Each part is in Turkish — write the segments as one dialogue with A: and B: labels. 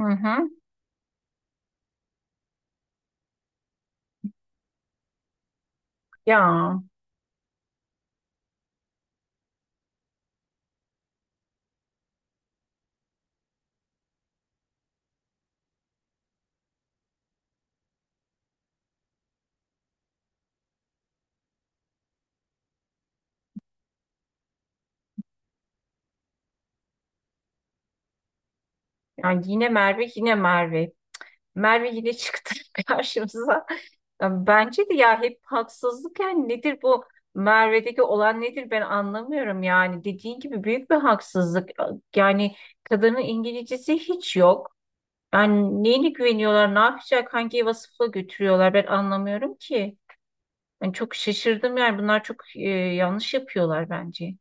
A: Hı hı. Ya, yani yine Merve, yine Merve. Merve yine çıktı karşımıza. Ya, bence de ya, hep haksızlık, yani nedir bu Merve'deki olan, nedir ben anlamıyorum yani. Dediğin gibi büyük bir haksızlık. Yani kadının İngilizcesi hiç yok. Yani neyine güveniyorlar, ne yapacak, hangi vasıfla götürüyorlar ben anlamıyorum ki. Ben çok şaşırdım, yani bunlar çok yanlış yapıyorlar bence.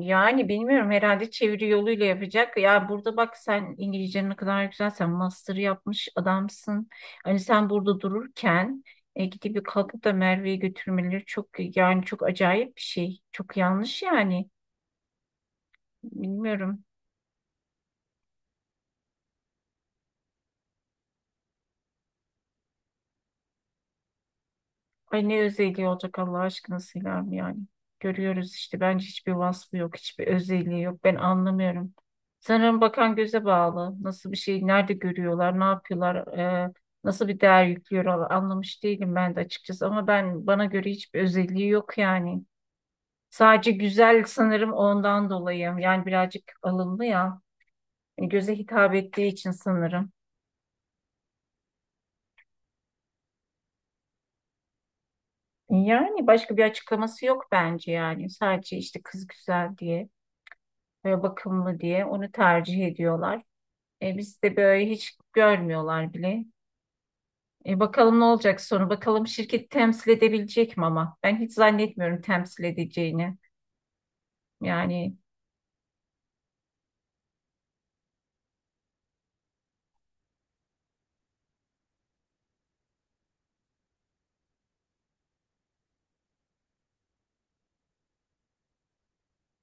A: Yani bilmiyorum, herhalde çeviri yoluyla yapacak. Ya burada bak, sen İngilizcen ne kadar güzel, sen master yapmış adamsın. Hani sen burada dururken gidip bir kalkıp da Merve'yi götürmeleri çok, yani çok acayip bir şey. Çok yanlış yani. Bilmiyorum. Ay ne özelliği olacak Allah aşkına Selami yani. Görüyoruz işte, bence hiçbir vasfı yok, hiçbir özelliği yok. Ben anlamıyorum. Sanırım bakan göze bağlı. Nasıl bir şey, nerede görüyorlar, ne yapıyorlar, e, nasıl bir değer yüklüyorlar anlamış değilim ben de açıkçası. Ama ben, bana göre hiçbir özelliği yok yani. Sadece güzel sanırım ondan dolayı. Yani birazcık alımlı ya. Yani göze hitap ettiği için sanırım. Yani başka bir açıklaması yok bence yani. Sadece işte kız güzel diye ve bakımlı diye onu tercih ediyorlar. Biz de böyle hiç görmüyorlar bile. Bakalım ne olacak sonu. Bakalım şirket temsil edebilecek mi, ama ben hiç zannetmiyorum temsil edeceğini. Yani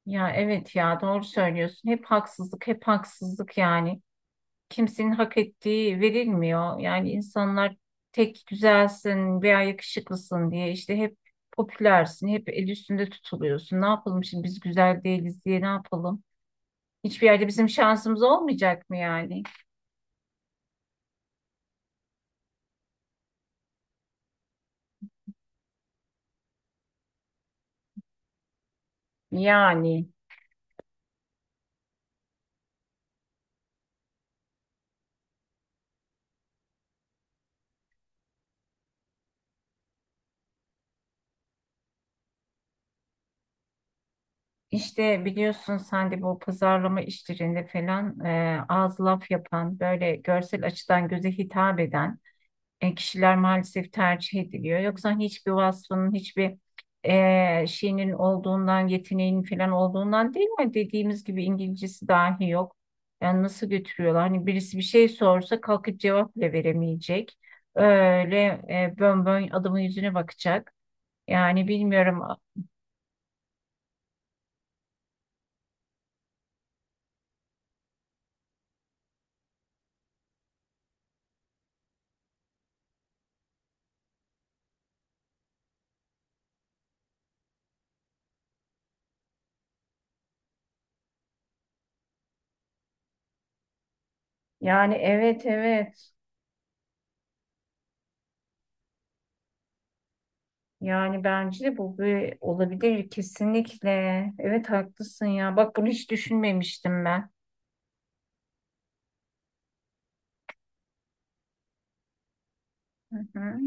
A: ya evet, ya doğru söylüyorsun. Hep haksızlık, hep haksızlık yani. Kimsenin hak ettiği verilmiyor. Yani insanlar tek güzelsin veya yakışıklısın diye işte hep popülersin, hep el üstünde tutuluyorsun. Ne yapalım şimdi biz güzel değiliz diye, ne yapalım? Hiçbir yerde bizim şansımız olmayacak mı yani? Yani işte biliyorsun sen de, bu pazarlama işlerinde falan ağız laf yapan, böyle görsel açıdan göze hitap eden kişiler maalesef tercih ediliyor. Yoksa hani hiçbir vasfının, hiçbir şeyinin olduğundan, yeteneğinin falan olduğundan değil mi? Dediğimiz gibi İngilizcesi dahi yok. Yani nasıl götürüyorlar? Hani birisi bir şey sorsa kalkıp cevap bile veremeyecek. Öyle bön bön adamın yüzüne bakacak. Yani bilmiyorum. Yani evet, evet. Yani bence de bu bir olabilir kesinlikle. Evet haklısın ya. Bak bunu hiç düşünmemiştim ben. Hı hı.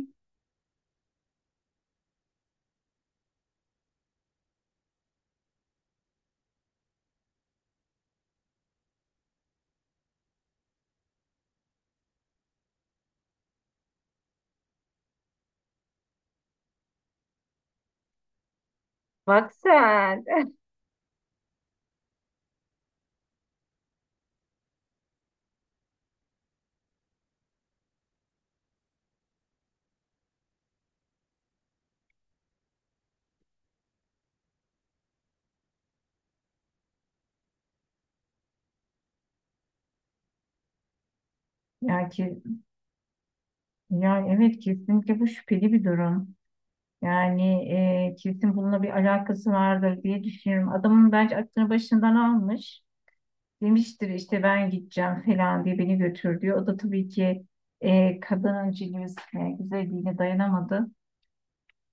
A: Bak sen. Ya, ki, yani evet, kesinlikle bu şüpheli bir durum. Yani kesin bununla bir alakası vardır diye düşünüyorum. Adamın bence aklını başından almış. Demiştir işte ben gideceğim falan diye, beni götür diyor. O da tabii ki kadının cilvesine, güzelliğine dayanamadı.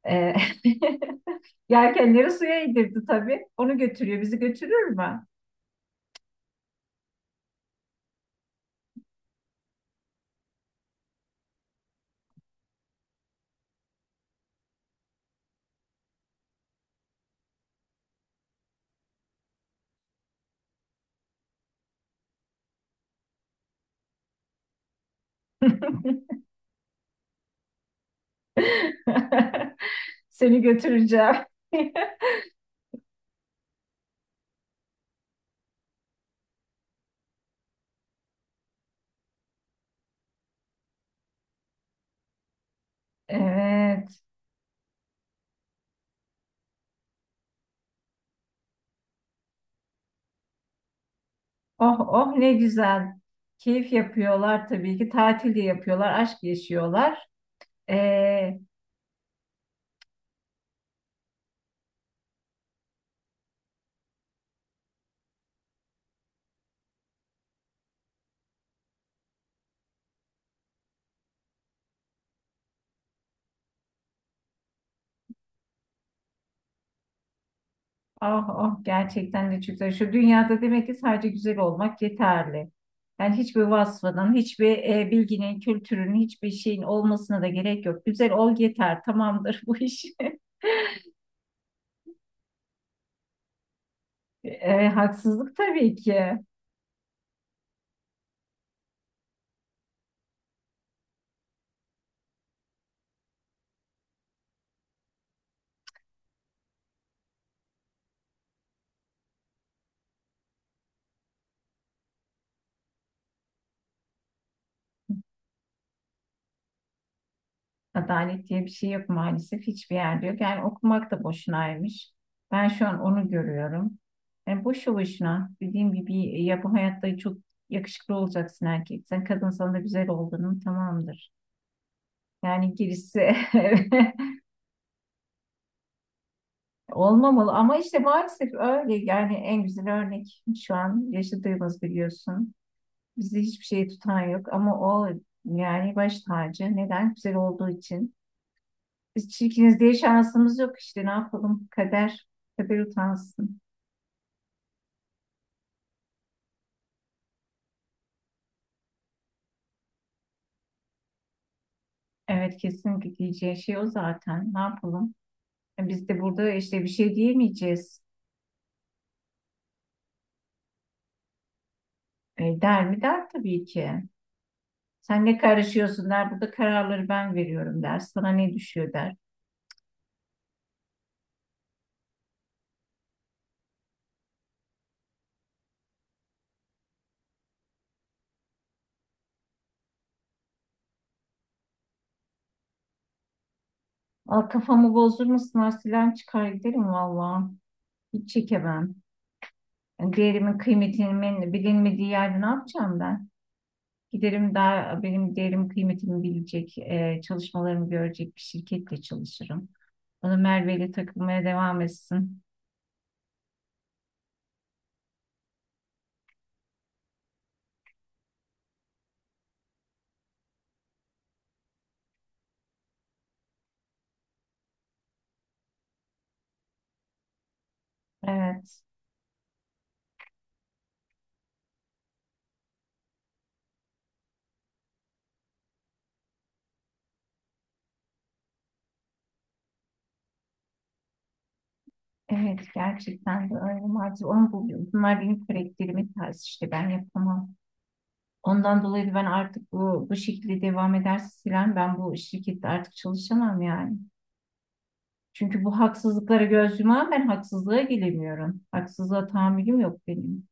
A: E, yelkenleri suya indirdi tabii. Onu götürüyor. Bizi götürür mü? Seni götüreceğim. Evet. Oh oh ne güzel. Keyif yapıyorlar tabii ki. Tatil de yapıyorlar. Aşk yaşıyorlar. Ee. Ah ah, gerçekten de çok güzel. Şu dünyada demek ki sadece güzel olmak yeterli. Yani hiçbir vasfının, hiçbir bilginin, kültürün, hiçbir şeyin olmasına da gerek yok. Güzel ol yeter, tamamdır bu iş. Haksızlık tabii ki. Adalet diye bir şey yok maalesef, hiçbir yerde yok. Yani okumak da boşunaymış. Ben şu an onu görüyorum. Yani boşu boşuna, dediğim gibi, ya bu hayatta çok yakışıklı olacaksın erkek. Sen kadınsan da güzel olduğunun tamamdır. Yani girisi olmamalı, ama işte maalesef öyle yani, en güzel örnek şu an yaşadığımız biliyorsun. Bizi hiçbir şey tutan yok, ama o, yani baş tacı neden güzel olduğu için. Biz çirkiniz diye şansımız yok işte, ne yapalım, kader, kader utansın. Evet kesinlikle diyeceği şey o zaten, ne yapalım. Biz de burada işte bir şey diyemeyeceğiz. Der mi, der tabii ki. Sen ne karışıyorsun der. Burada kararları ben veriyorum der. Sana ne düşüyor der. Aa, kafamı bozdur musun? Arsilen çıkar giderim valla. Hiç çekemem. Yani değerimin kıymetinin bilinmediği yerde ne yapacağım ben? Giderim, daha benim değerim kıymetimi bilecek, çalışmalarımı görecek bir şirketle çalışırım. Bana Merve ile takılmaya devam etsin. Evet. Evet gerçekten de öyle maalesef, onu buluyorum. Bunlar benim karakterimin tarzı, işte ben yapamam. Ondan dolayı da ben artık bu şekilde devam ederse Siren, ben bu şirkette artık çalışamam yani. Çünkü bu haksızlıklara göz yumağım, ben haksızlığa gelemiyorum. Haksızlığa tahammülüm yok benim.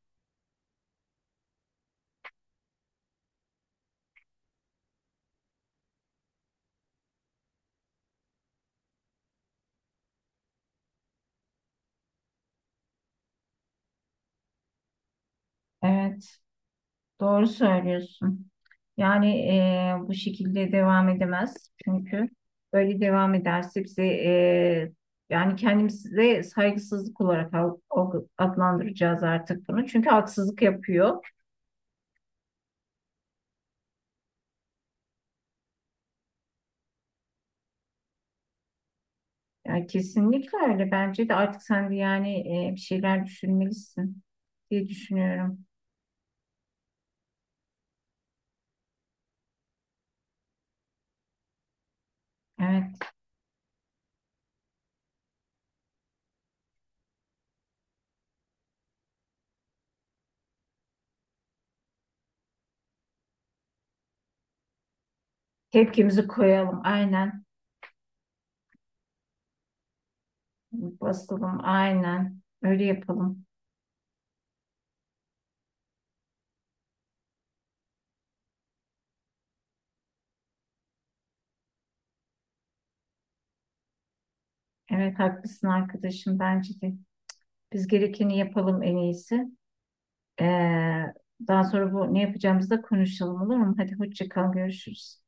A: Evet. Doğru söylüyorsun. Yani bu şekilde devam edemez. Çünkü böyle devam ederse bize yani kendimize saygısızlık olarak adlandıracağız artık bunu. Çünkü haksızlık yapıyor. Yani kesinlikle öyle. Bence de artık sen de yani bir şeyler düşünmelisin diye düşünüyorum. Evet. Tepkimizi koyalım. Aynen. Basalım. Aynen. Öyle yapalım. Evet haklısın arkadaşım. Bence de. Biz gerekeni yapalım en iyisi. Ee, daha sonra bu ne yapacağımızı da konuşalım, olur mu? Hadi hoşça kal, görüşürüz.